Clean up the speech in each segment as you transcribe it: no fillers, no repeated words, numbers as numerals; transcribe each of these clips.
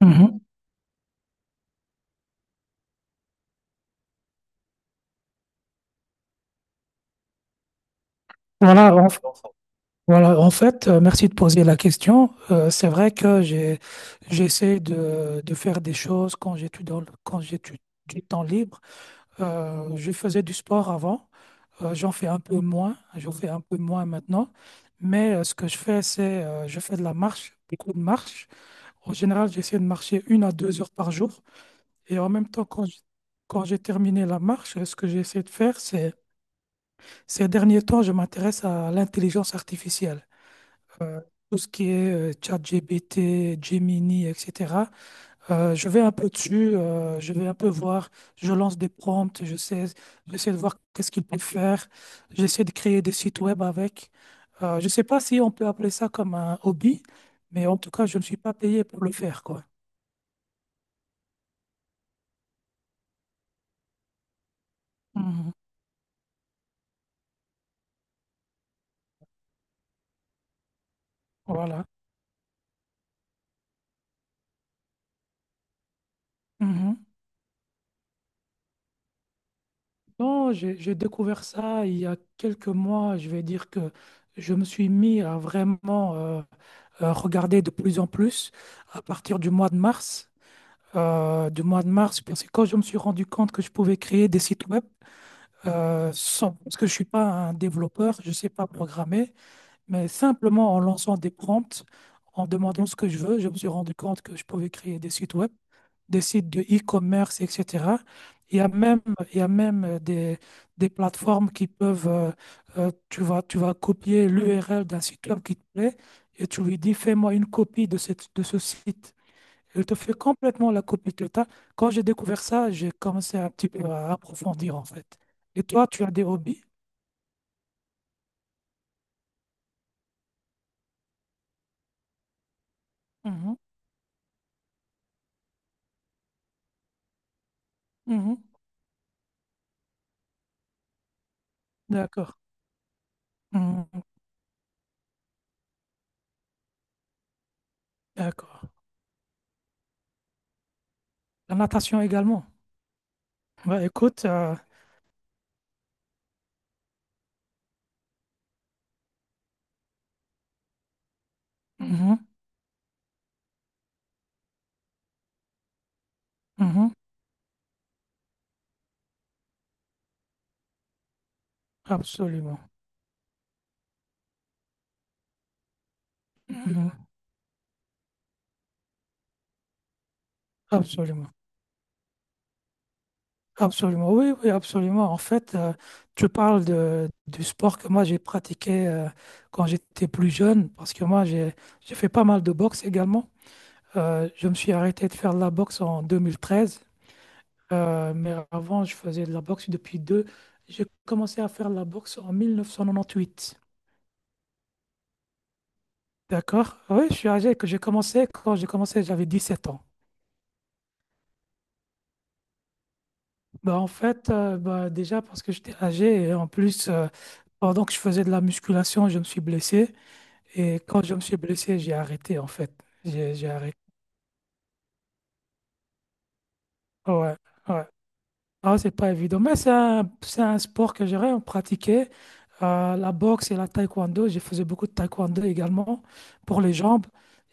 Mhm. Voilà, en, voilà, en fait, merci de poser la question. C'est vrai que j'essaie de faire des choses quand j'étudie quand j'ai du temps libre. Je faisais du sport avant. J'en fais un peu moins, j'en fais un peu moins maintenant. Mais ce que je fais, c'est je fais de la marche, beaucoup de marche. En général, j'essaie de marcher 1 à 2 heures par jour. Et en même temps, quand j'ai terminé la marche, ce que j'essaie de faire, c'est ces derniers temps, je m'intéresse à l'intelligence artificielle. euh, tout ce qui est ChatGPT, Gemini, etc. Je vais un peu dessus, je vais un peu voir, je lance des prompts, je sais, j'essaie de voir qu'est-ce qu'il peut faire, j'essaie de créer des sites web avec. Je ne sais pas si on peut appeler ça comme un hobby, mais en tout cas, je ne suis pas payé pour le faire, quoi. Mhm. Voilà. Mhm. Non, j'ai découvert ça il y a quelques mois. Je vais dire que je me suis mis à vraiment regarder de plus en plus à partir du mois de mars. Du mois de mars, parce que quand je me suis rendu compte que je pouvais créer des sites web, sans, parce que je ne suis pas un développeur, je ne sais pas programmer, mais simplement en lançant des prompts, en demandant ce que je veux, je me suis rendu compte que je pouvais créer des sites web, des sites de e-commerce, etc. Il y a même, il y a même des plateformes qui peuvent. Tu vas copier l'URL d'un site web qui te plaît et tu lui dis, fais-moi une copie de ce site. Elle te fait complètement la copie de tas. Quand j'ai découvert ça, j'ai commencé un petit peu à approfondir en fait. Et toi, tu as des hobbies? Mhm, mhm, d'accord. Mhm, d'accord. La natation également. Bah, écoute, mhm, mhm, absolument, mhm, absolument, absolument. Oui, oui, absolument. En fait, tu parles du sport que moi j'ai pratiqué quand j'étais plus jeune, parce que moi j'ai fait pas mal de boxe également. Je me suis arrêté de faire de la boxe en 2013, mais avant je faisais de la boxe depuis deux. J'ai commencé à faire de la boxe en 1988. D'accord? Oui, je suis âgé que j'ai commencé. Quand j'ai commencé, j'avais 17 ans. Bah en fait, bah déjà parce que j'étais âgé et en plus, pendant que je faisais de la musculation, je me suis blessé. Et quand je me suis blessé, j'ai arrêté en fait. J'ai arrêté. Ouais, ouais. Ah, c'est pas évident. Mais c'est un sport que j'aurais pratiqué. La boxe et la taekwondo. Je faisais beaucoup de taekwondo également pour les jambes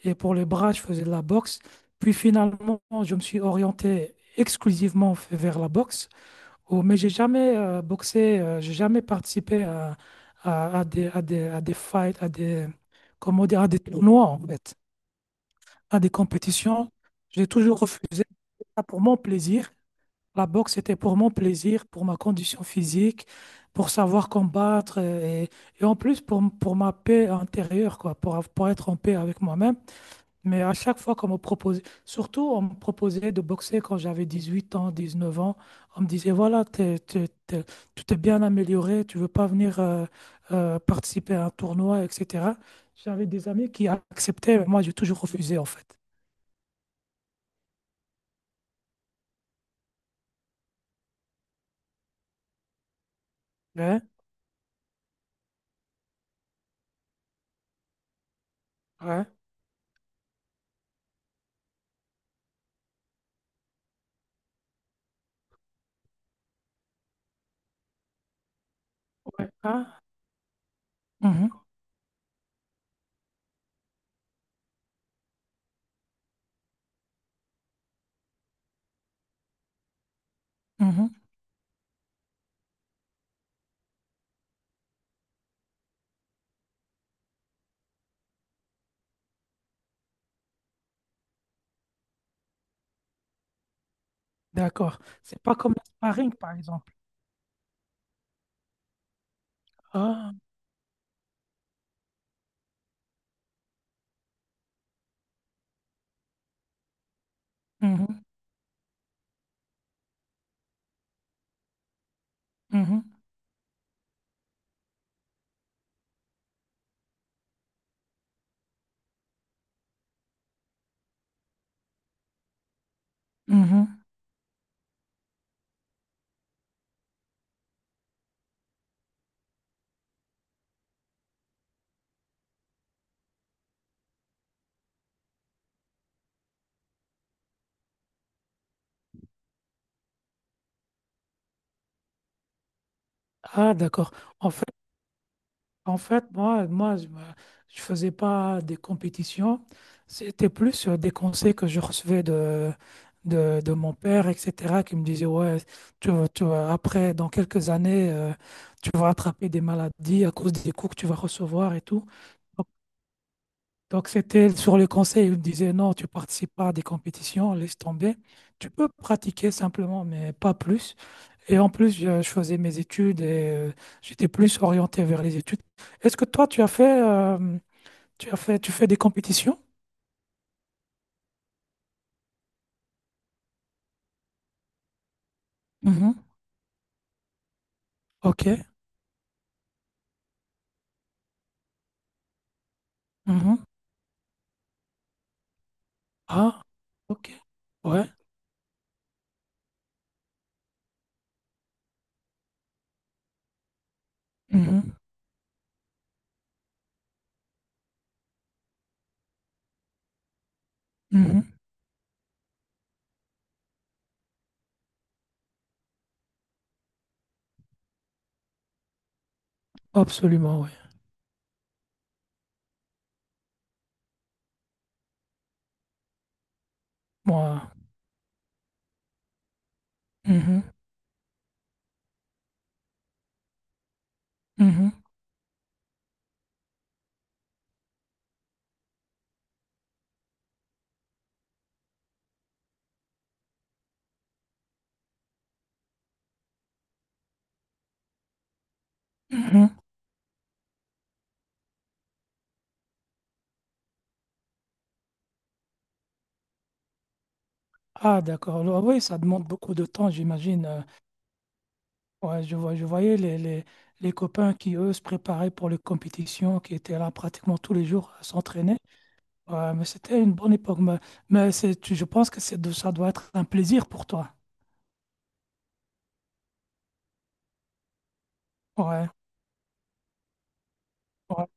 et pour les bras, je faisais de la boxe. Puis finalement, je me suis orienté exclusivement vers la boxe. Oh, mais j'ai jamais boxé, j'ai jamais participé à des fights, à des, comment dire, à des tournois en fait, à des compétitions. J'ai toujours refusé ça pour mon plaisir. La boxe, c'était pour mon plaisir, pour ma condition physique, pour savoir combattre et en plus pour, pour ma paix intérieure, quoi, pour, pour être en paix avec moi-même. Mais à chaque fois qu'on me proposait, surtout on me proposait de boxer quand j'avais 18 ans, 19 ans, on me disait, voilà, tu t'es bien amélioré, tu veux pas venir participer à un tournoi, etc. J'avais des amis qui acceptaient, mais moi j'ai toujours refusé en fait. Ouais, ouais, ouais. Ah, mhm, mhm, d'accord. C'est pas comme le sparring par exemple. Ah, mhm, mhm, mhm. Ah, d'accord. En fait, En fait, moi, je faisais pas des compétitions. C'était plus des conseils que je recevais de mon père, etc., qui me disait, ouais, après, dans quelques années, tu vas attraper des maladies à cause des coups que tu vas recevoir et tout. Donc, donc, c'était sur les conseils, il me disait, non, tu participes pas à des compétitions, laisse tomber. Tu peux pratiquer simplement, mais pas plus. Et en plus, je faisais mes études et j'étais plus orienté vers les études. Est-ce que toi, tu fais des compétitions? Mhm. Ok. Mhm. Ah, ok. Ouais. Mhm. Mhm. Absolument, oui. Moi. Mhm. Mhm. Mhm. Ah, d'accord. Ah oui, ça demande beaucoup de temps, j'imagine. Ouais, je voyais les copains qui, eux, se préparaient pour les compétitions, qui étaient là pratiquement tous les jours à s'entraîner. Ouais, mais c'était une bonne époque. Mais c'est, je pense que c'est, ça doit être un plaisir pour toi. Ouais, ouais,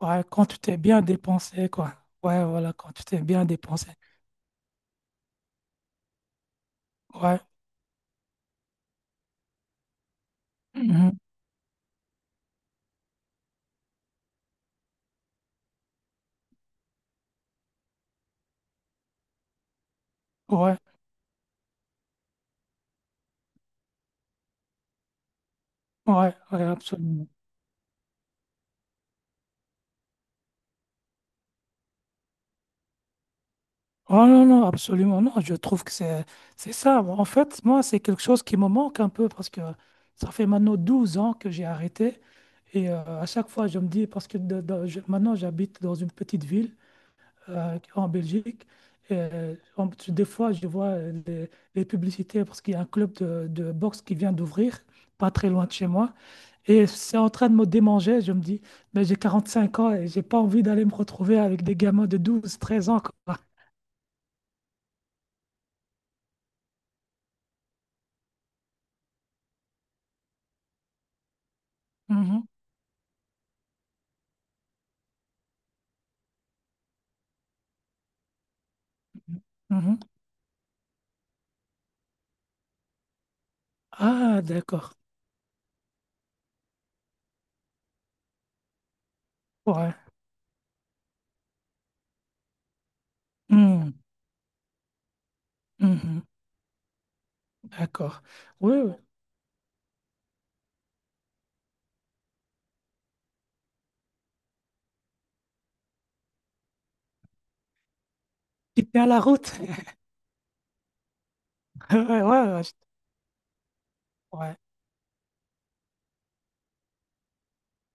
ouais, quand tu t'es bien dépensé, quoi. Ouais, voilà, quand tu t'es bien dépensé. Ouais, mhm, ouais, ouais, ouais, absolument. Oh non, non, absolument. Non, je trouve que c'est ça. Bon, en fait, moi, c'est quelque chose qui me manque un peu parce que ça fait maintenant 12 ans que j'ai arrêté. Et à chaque fois, je me dis, parce que maintenant, j'habite dans une petite ville, en Belgique. Des fois, je vois les publicités parce qu'il y a un club de boxe qui vient d'ouvrir, pas très loin de chez moi. Et c'est en train de me démanger. Je me dis, mais j'ai 45 ans et j'ai pas envie d'aller me retrouver avec des gamins de 12, 13 ans, quoi. Mhm, mhm. Ah, d'accord. Ouais. Mhm, mhm. D'accord. Oui, oui. Tu tiens la route. Ouais, ouais, ouais. Ouais.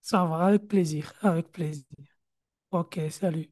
Ça va, avec plaisir. Avec plaisir. Ok, salut.